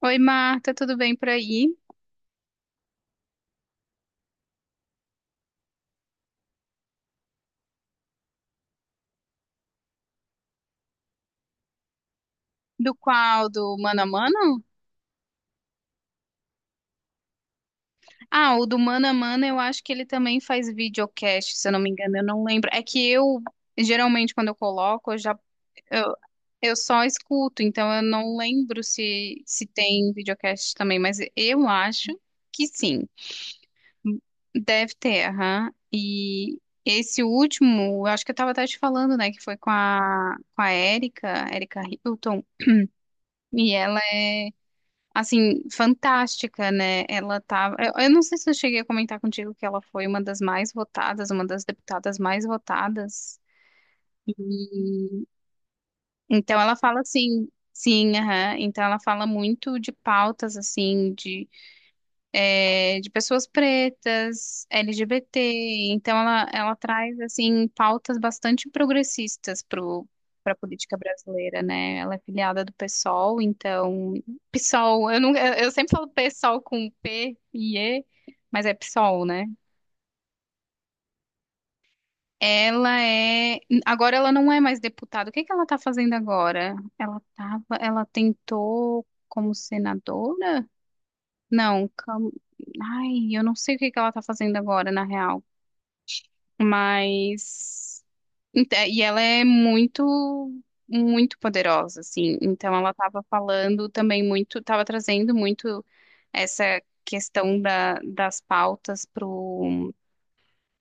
Oi, Marta, tudo bem por aí? Do qual? Do Mano a Mano? Ah, o do Mano a Mano eu acho que ele também faz videocast, se eu não me engano, eu não lembro. É que eu, geralmente, quando eu coloco, eu já, eu, eu só escuto, então eu não lembro se, se tem videocast também, mas eu acho que sim. Deve ter, aham. E esse último, eu acho que eu tava até te falando, né, que foi com a Érica, Érica Hilton, e ela é assim, fantástica, né? Ela tava. Eu não sei se eu cheguei a comentar contigo que ela foi uma das mais votadas, uma das deputadas mais votadas. E então ela fala assim, sim, aham. Então ela fala muito de pautas assim, de pessoas pretas, LGBT. Então, ela traz, assim, pautas bastante progressistas para a política brasileira, né? Ela é filiada do PSOL, então... PSOL, eu, não, eu sempre falo PSOL com P e E, mas é PSOL, né? Ela é. Agora ela não é mais deputada. O que que ela está fazendo agora? Ela tava... ela tentou como senadora? Não, ai, eu não sei o que que ela está fazendo agora, na real. Mas e ela é muito poderosa, assim. Então ela estava falando também muito, estava trazendo muito essa questão da, das pautas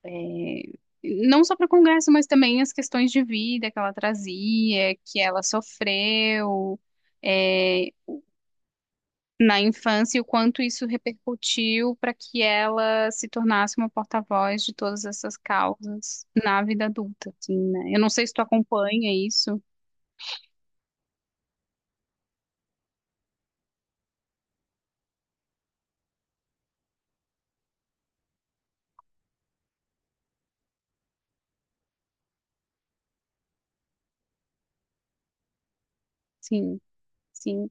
é, não só para o Congresso, mas também as questões de vida que ela trazia, que ela sofreu. É, na infância e o quanto isso repercutiu para que ela se tornasse uma porta-voz de todas essas causas na vida adulta, assim, né? Eu não sei se tu acompanha isso. Sim, sim.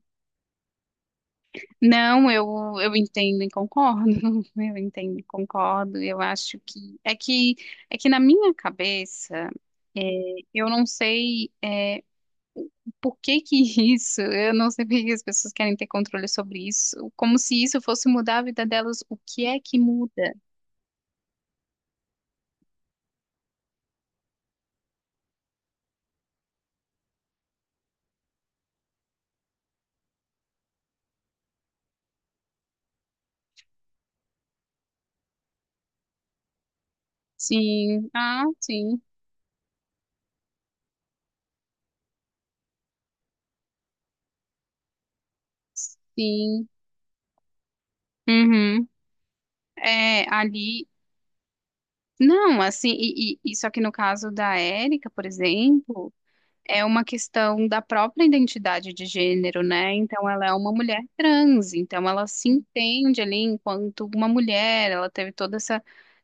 Não, eu entendo e concordo. Eu entendo e concordo. Eu acho que é que é que na minha cabeça é, eu não sei por que que isso, eu não sei por que as pessoas querem ter controle sobre isso, como se isso fosse mudar a vida delas. O que é que muda? Sim, ah, sim, sim. Uhum. É, ali. Não, assim, e só que no caso da Érica, por exemplo, é uma questão da própria identidade de gênero, né? Então ela é uma mulher trans, então ela se entende ali enquanto uma mulher, ela teve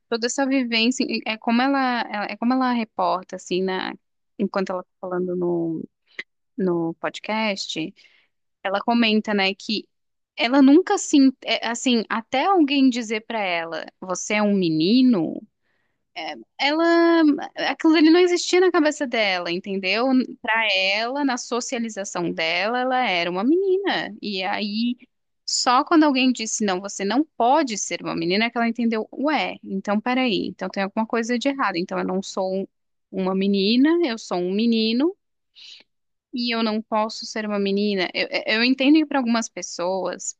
toda essa vivência, e é como ela, é como ela reporta, assim, na, enquanto ela tá falando no, no podcast. Ela comenta, né, que ela nunca se, assim, até alguém dizer pra ela, você é um menino, ela, aquilo ali não existia na cabeça dela, entendeu? Pra ela, na socialização dela, ela era uma menina. E aí, só quando alguém disse, não, você não pode ser uma menina, é que ela entendeu, ué, então peraí, então tem alguma coisa de errado. Então eu não sou uma menina, eu sou um menino. E eu não posso ser uma menina. Eu entendo que para algumas pessoas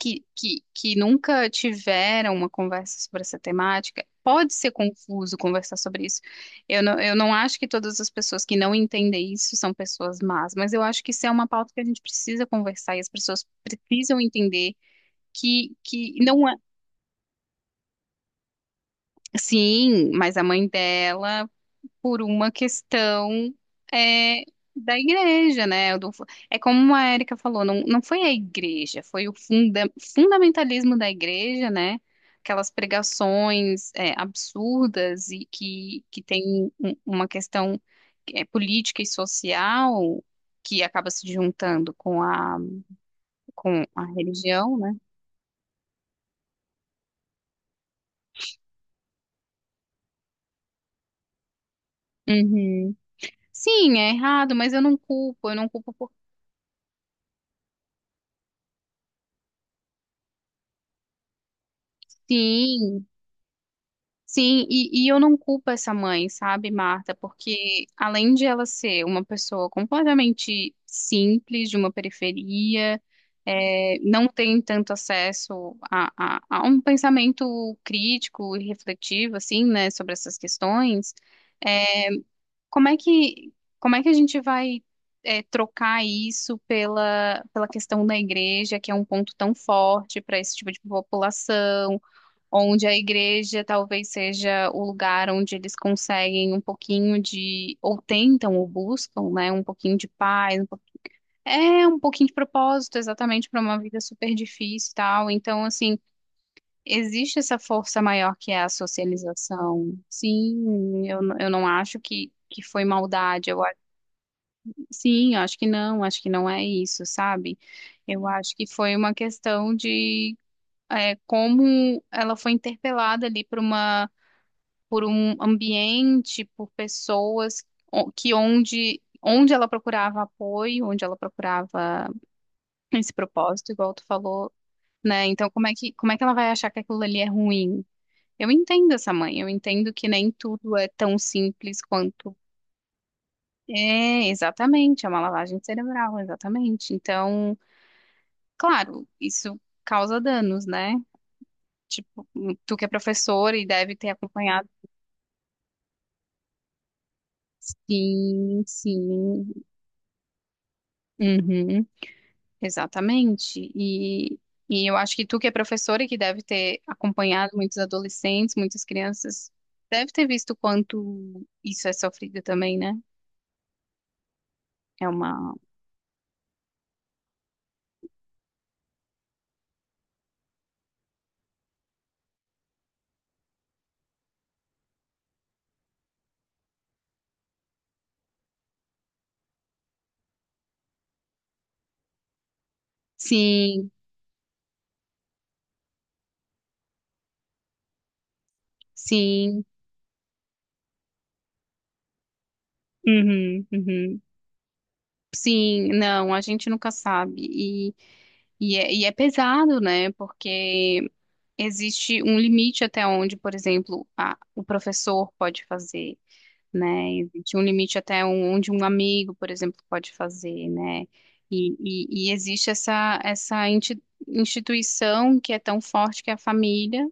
que nunca tiveram uma conversa sobre essa temática, pode ser confuso conversar sobre isso. Eu não acho que todas as pessoas que não entendem isso são pessoas más, mas eu acho que isso é uma pauta que a gente precisa conversar e as pessoas precisam entender que não é. Sim, mas a mãe dela por uma questão é, da igreja, né? É como a Érica falou, não, não foi a igreja, foi o fundamentalismo da igreja, né? Aquelas pregações absurdas e que tem uma questão política e social que acaba se juntando com a religião, né? Uhum. Sim, é errado, mas eu não culpo por sim. Sim, e eu não culpo essa mãe, sabe, Marta? Porque além de ela ser uma pessoa completamente simples, de uma periferia, não tem tanto acesso a, a um pensamento crítico e refletivo, assim, né, sobre essas questões, é, como é que, como é que a gente vai, trocar isso pela, pela questão da igreja, que é um ponto tão forte para esse tipo de população? Onde a igreja talvez seja o lugar onde eles conseguem um pouquinho de, ou tentam ou buscam, né, um pouquinho de paz, um pouquinho de propósito, exatamente para uma vida super difícil e tal. Então, assim, existe essa força maior que é a socialização. Sim, eu, eu não acho que foi maldade. Eu, sim, eu acho que não é isso, sabe? Eu acho que foi uma questão de como ela foi interpelada ali por uma por um ambiente, por pessoas o- que onde onde ela procurava apoio, onde ela procurava esse propósito, igual tu falou, né? Então como é que ela vai achar que aquilo ali é ruim? Eu entendo essa mãe, eu entendo que nem tudo é tão simples quanto exatamente, é uma lavagem cerebral, exatamente. Então, claro, isso causa danos, né? Tipo, tu que é professor e deve ter acompanhado. Sim, sim. Uhum. Exatamente. E eu acho que tu, que é professora e que deve ter acompanhado muitos adolescentes, muitas crianças, deve ter visto o quanto isso é sofrido também, né? É uma. Sim, sim, uhum, uhum. Sim, não, a gente nunca sabe. E, e é pesado, né? Porque existe um limite até onde, por exemplo, a, o professor pode fazer. Né? Existe um limite até onde um amigo, por exemplo, pode fazer, né? E, e existe essa, instituição que é tão forte que é a família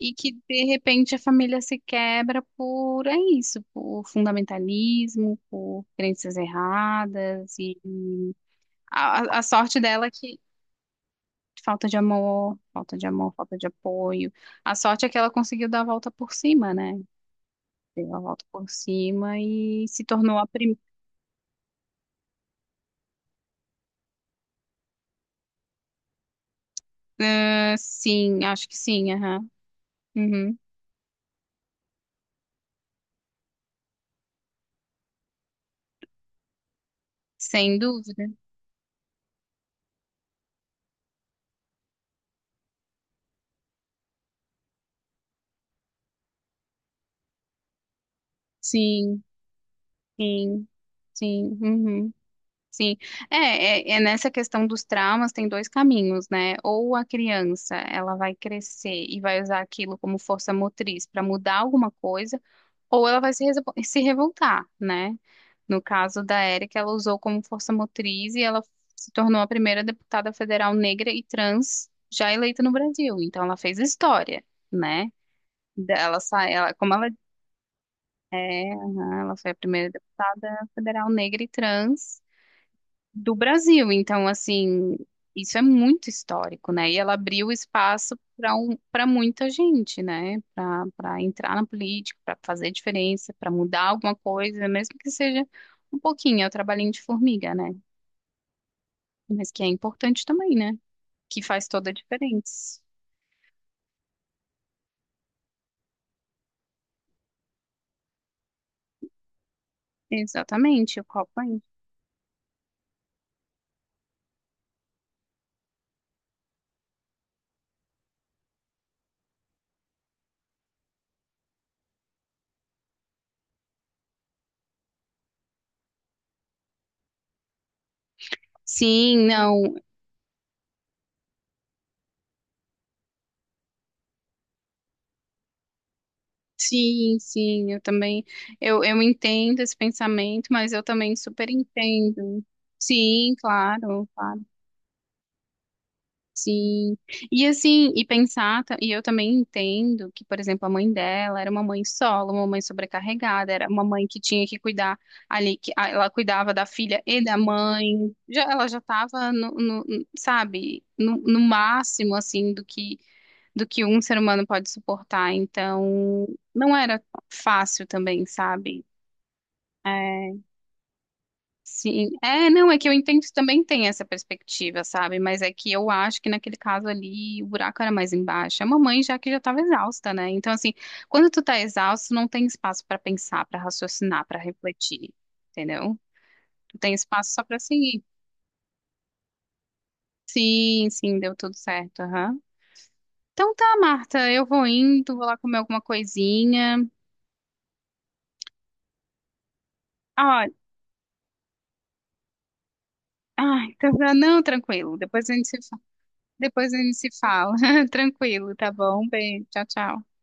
e que, de repente, a família se quebra por, é isso, por fundamentalismo, por crenças erradas a, a sorte dela é que falta de amor, falta de amor, falta de apoio. A sorte é que ela conseguiu dar a volta por cima, né? Deu a volta por cima e se tornou a primeira. Ah, sim, acho que sim, aham. Uhum. Sem dúvida. Sim, sim, sim, uhum, sim. É, é nessa questão dos traumas tem dois caminhos, né? Ou a criança, ela vai crescer e vai usar aquilo como força motriz para mudar alguma coisa, ou ela vai se, se revoltar, né? No caso da Érica, ela usou como força motriz e ela se tornou a primeira deputada federal negra e trans já eleita no Brasil. Então, ela fez história, né? Ela sai, ela, como ela aham, ela foi a primeira deputada federal negra e trans do Brasil. Então, assim, isso é muito histórico, né? E ela abriu espaço para um, para muita gente, né? Para para entrar na política, para fazer diferença, para mudar alguma coisa, mesmo que seja um pouquinho, é o trabalhinho de formiga, né? Mas que é importante também, né? Que faz toda a diferença. Exatamente, o copo aí. Sim, não. Sim, sim, eu também, eu entendo esse pensamento, mas eu também super entendo. Sim, claro, claro, sim. E assim, e pensar, e eu também entendo que, por exemplo, a mãe dela era uma mãe solo, uma mãe sobrecarregada, era uma mãe que tinha que cuidar ali, que ela cuidava da filha e da mãe, já, ela já estava no, sabe, no, no máximo, assim, do que um ser humano pode suportar. Então, não era fácil também, sabe? É, sim. É, não, é que eu entendo que também tem essa perspectiva, sabe? Mas é que eu acho que naquele caso ali o buraco era mais embaixo. A mamãe já que já estava exausta, né? Então, assim, quando tu tá exausto, não tem espaço para pensar, para raciocinar, para refletir, entendeu? Tu tem espaço só para seguir. Sim, sim, deu tudo certo, aham. Então tá, Marta, eu vou indo, vou lá comer alguma coisinha. Olha, ai, tá, não, tranquilo. Depois a gente se, depois a gente se fala. Tranquilo, tá bom? Um beijo, tchau, tchau.